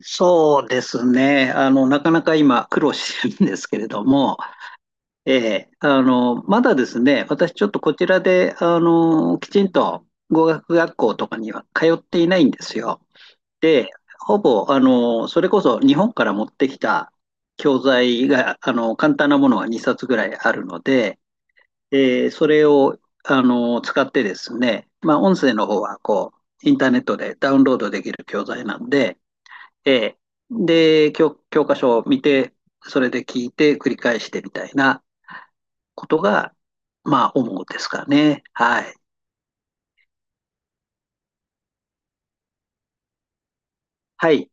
そうですね。なかなか今苦労してるんですけれども、ええ、まだですね、私ちょっとこちらで、きちんと語学学校とかには通っていないんですよ。で、ほぼ、それこそ日本から持ってきた教材が、簡単なものが2冊ぐらいあるので、それを、使ってですね、まあ、音声の方は、こう、インターネットでダウンロードできる教材なんで、えで、教科書を見て、それで聞いて、繰り返してみたいなことが、まあ、主ですかね。はい。はい。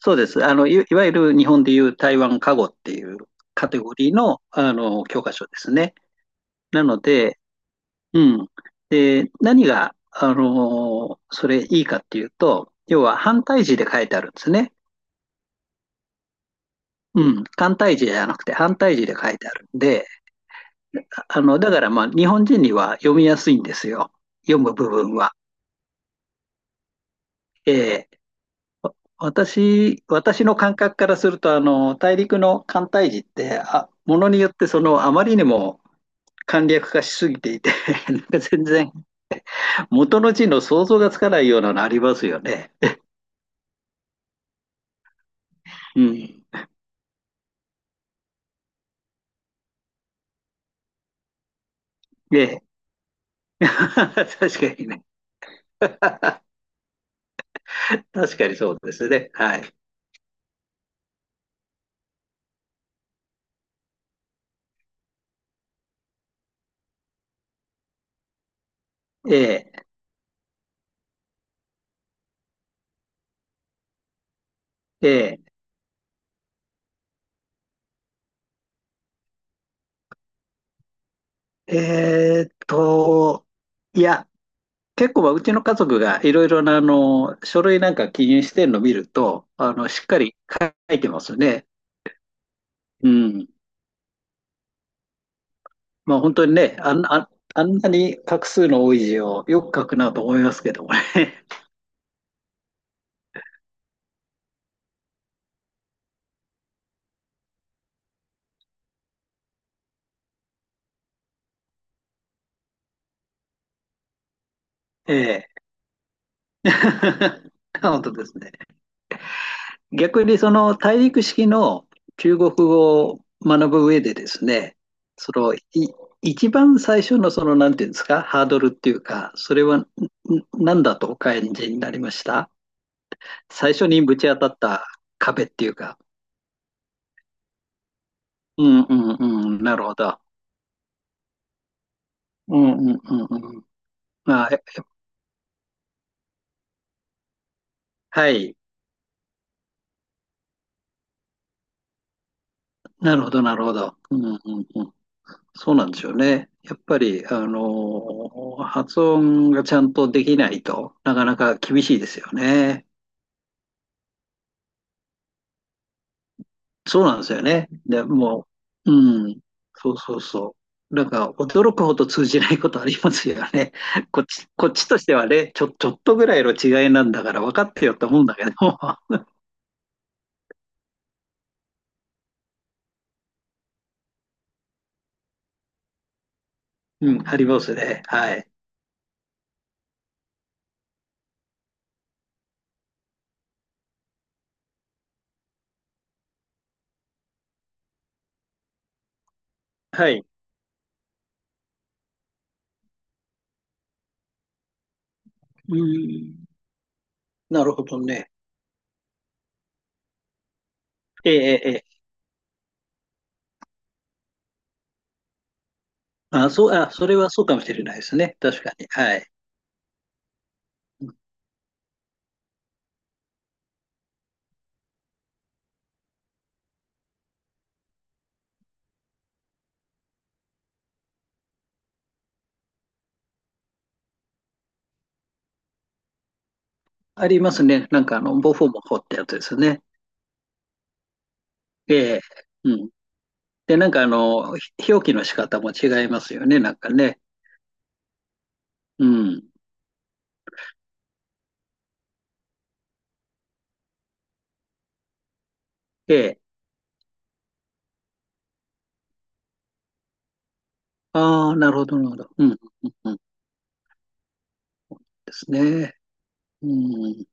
そうです。いわゆる日本でいう台湾カゴっていうカテゴリーの、教科書ですね。なので、うん。で、何が、それいいかっていうと、要は反対字で書いてあるんですね。うん。単体字じゃなくて反対字で書いてあるんで、だからまあ、日本人には読みやすいんですよ。読む部分は。ええ、私の感覚からすると、大陸の寒帯字って、あ、ものによってその、あまりにも簡略化しすぎていて、なんか全然元の字の想像がつかないようなのありますよね。うん。ええ。 確かにね。確かにそうですね。はい。えええええーっと、いや、結構はうちの家族がいろいろなあの書類なんか記入してるのを見ると、あのしっかり書いてますよね。うん。まあ本当にね、あんなに画数の多い字をよく書くなと思いますけどもね。ええ。本当ですね。逆にその大陸式の中国語を学ぶ上でですね、その一番最初のそのなんていうんですか、ハードルっていうか、それは何だとお感じになりました。最初にぶち当たった壁っていうか。うんうんうん、なるほど。うんうんうんうん。まあ、はい。なるほど、なるほど。うんうんうん。そうなんですよね。やっぱり、発音がちゃんとできないとなかなか厳しいですよね。そうなんですよね。でもう、うん、そうそうそう。なんか驚くほど通じないことありますよね。こっちとしてはね、ちょっとぐらいの違いなんだから分かってよって思うんだけど。うん、ありますね。はい。はい。うん。なるほどね。ええ、ええ。ええ、あ、そう、あ、それはそうかもしれないですね。確かに。はい。ありますね。なんかボフォモ法ってやつですね。ええ。うん。で、なんか表記の仕方も違いますよね。なんかね。うん。ええ。ああ、なるほど、なるほど。うん、うん、うん。うんですね。うん。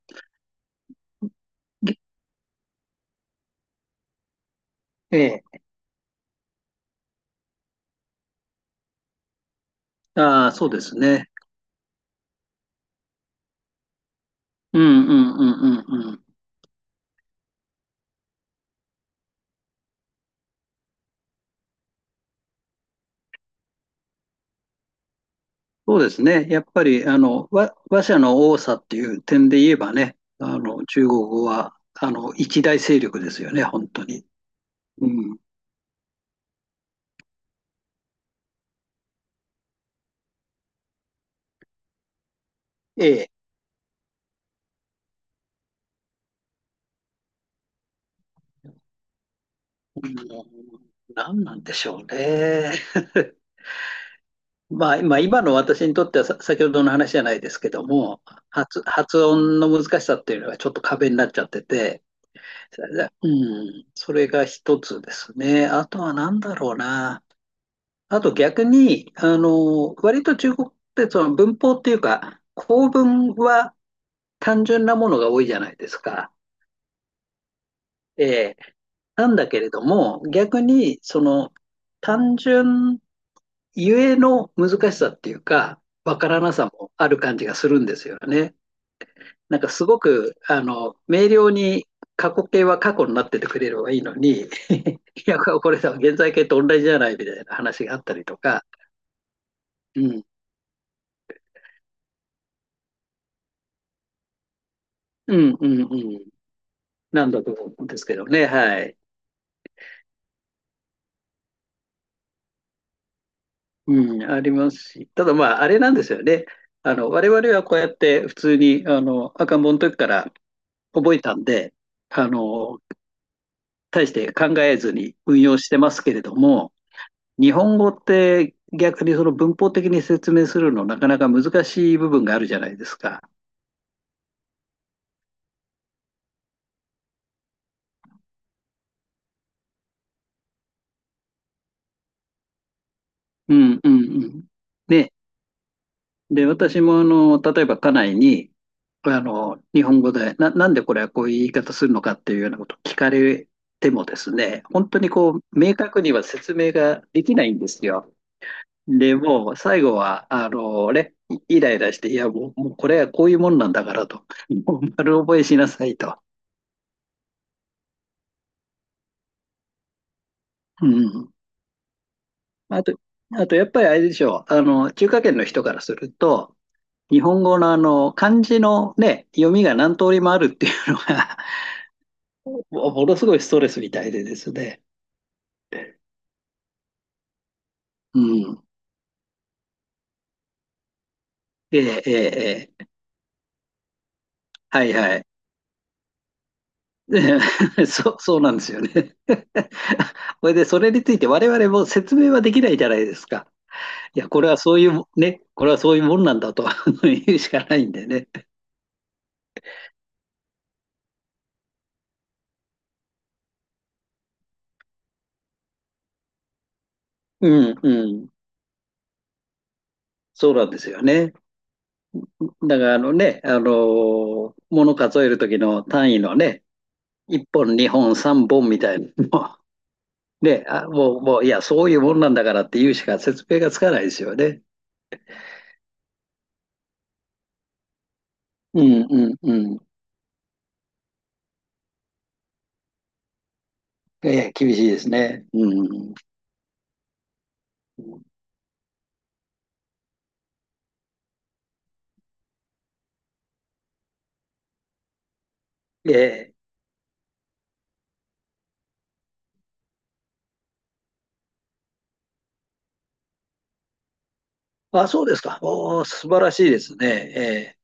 ええ。ああ、そうですね。うん、うん、うん、うん、そうですね。やっぱり、話者の多さっていう点で言えばね、中国語は、一大勢力ですよね、本当に。うん。ええ。うん、何なんでしょうね。まあ、まあ、今の私にとってはさ、先ほどの話じゃないですけども、発音の難しさっていうのがちょっと壁になっちゃってて、うん、それが一つですね。あとは何だろうな。あと逆に、割と中国ってその文法っていうか、構文は単純なものが多いじゃないですか。えーなんだけれども、逆にその単純ゆえの難しさっていうか、わからなさもある感じがするんですよね。なんかすごく、明瞭に過去形は過去になっててくれればいいのに、いや、これさ、現在形と同じじゃないみたいな話があったりとか、うん、うん、うん、うん。なんだと思うんですけどね。はい。うん、ありますし。ただまあ、あれなんですよね。我々はこうやって普通に、赤ん坊の時から覚えたんで、あの、大して考えずに運用してますけれども、日本語って逆にその文法的に説明するのなかなか難しい部分があるじゃないですか。うんうんうん。ね。で、私もあの、例えば家内に、日本語で、なんでこれはこういう言い方するのかっていうようなことを聞かれてもですね、本当にこう、明確には説明ができないんですよ。で、もう最後は、ね、イライラして、いや、もう、もうこれはこういうもんなんだからと、もう丸覚えしなさいと。うん。あと、あとやっぱりあれでしょう、中華圏の人からすると、日本語のあの、漢字のね、読みが何通りもあるっていうのがもものすごいストレスみたいでですね。うん。ええ、ええ、ええ、はいはい。で、 そうなんですよね。これで、それについて我々も説明はできないじゃないですか。いや、これはそういうも、ね、これはそういうもんなんだと 言うしかないんでね。うん、うん。そうなんですよね。だから、あのね、あの物数える時の単位のね、1本、2本、3本みたいなのも、ね、あ、もう、もう、いや、そういうもんなんだからって言うしか説明がつかないですよね。うんうんうん。ええ、厳しいですね。うん。ええ。あ、そうですか。おー、素晴らしいですね。ええ。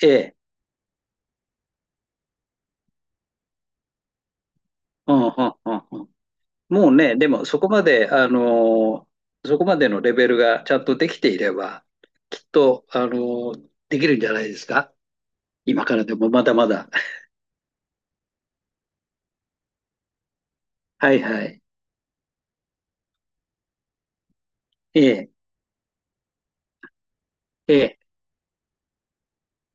ええ。うんうんうんうん。もうね、でもそこまで、そこまでのレベルがちゃんとできていれば、きっと、できるんじゃないですか。今からでもまだまだ。はいはい。ええ。ええ。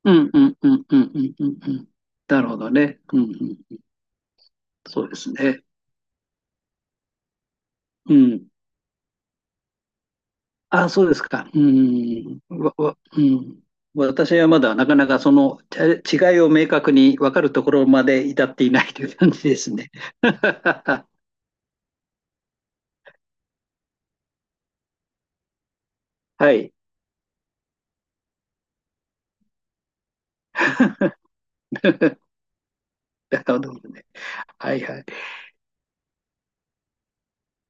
うんうんうんうんうんうんうん。なるほどね。うんうん。そうですね。うん。あ、そうですか。うん。うん。私はまだなかなかその違いを明確に分かるところまで至っていないという感じですね。はい。なるほどね。はいはい。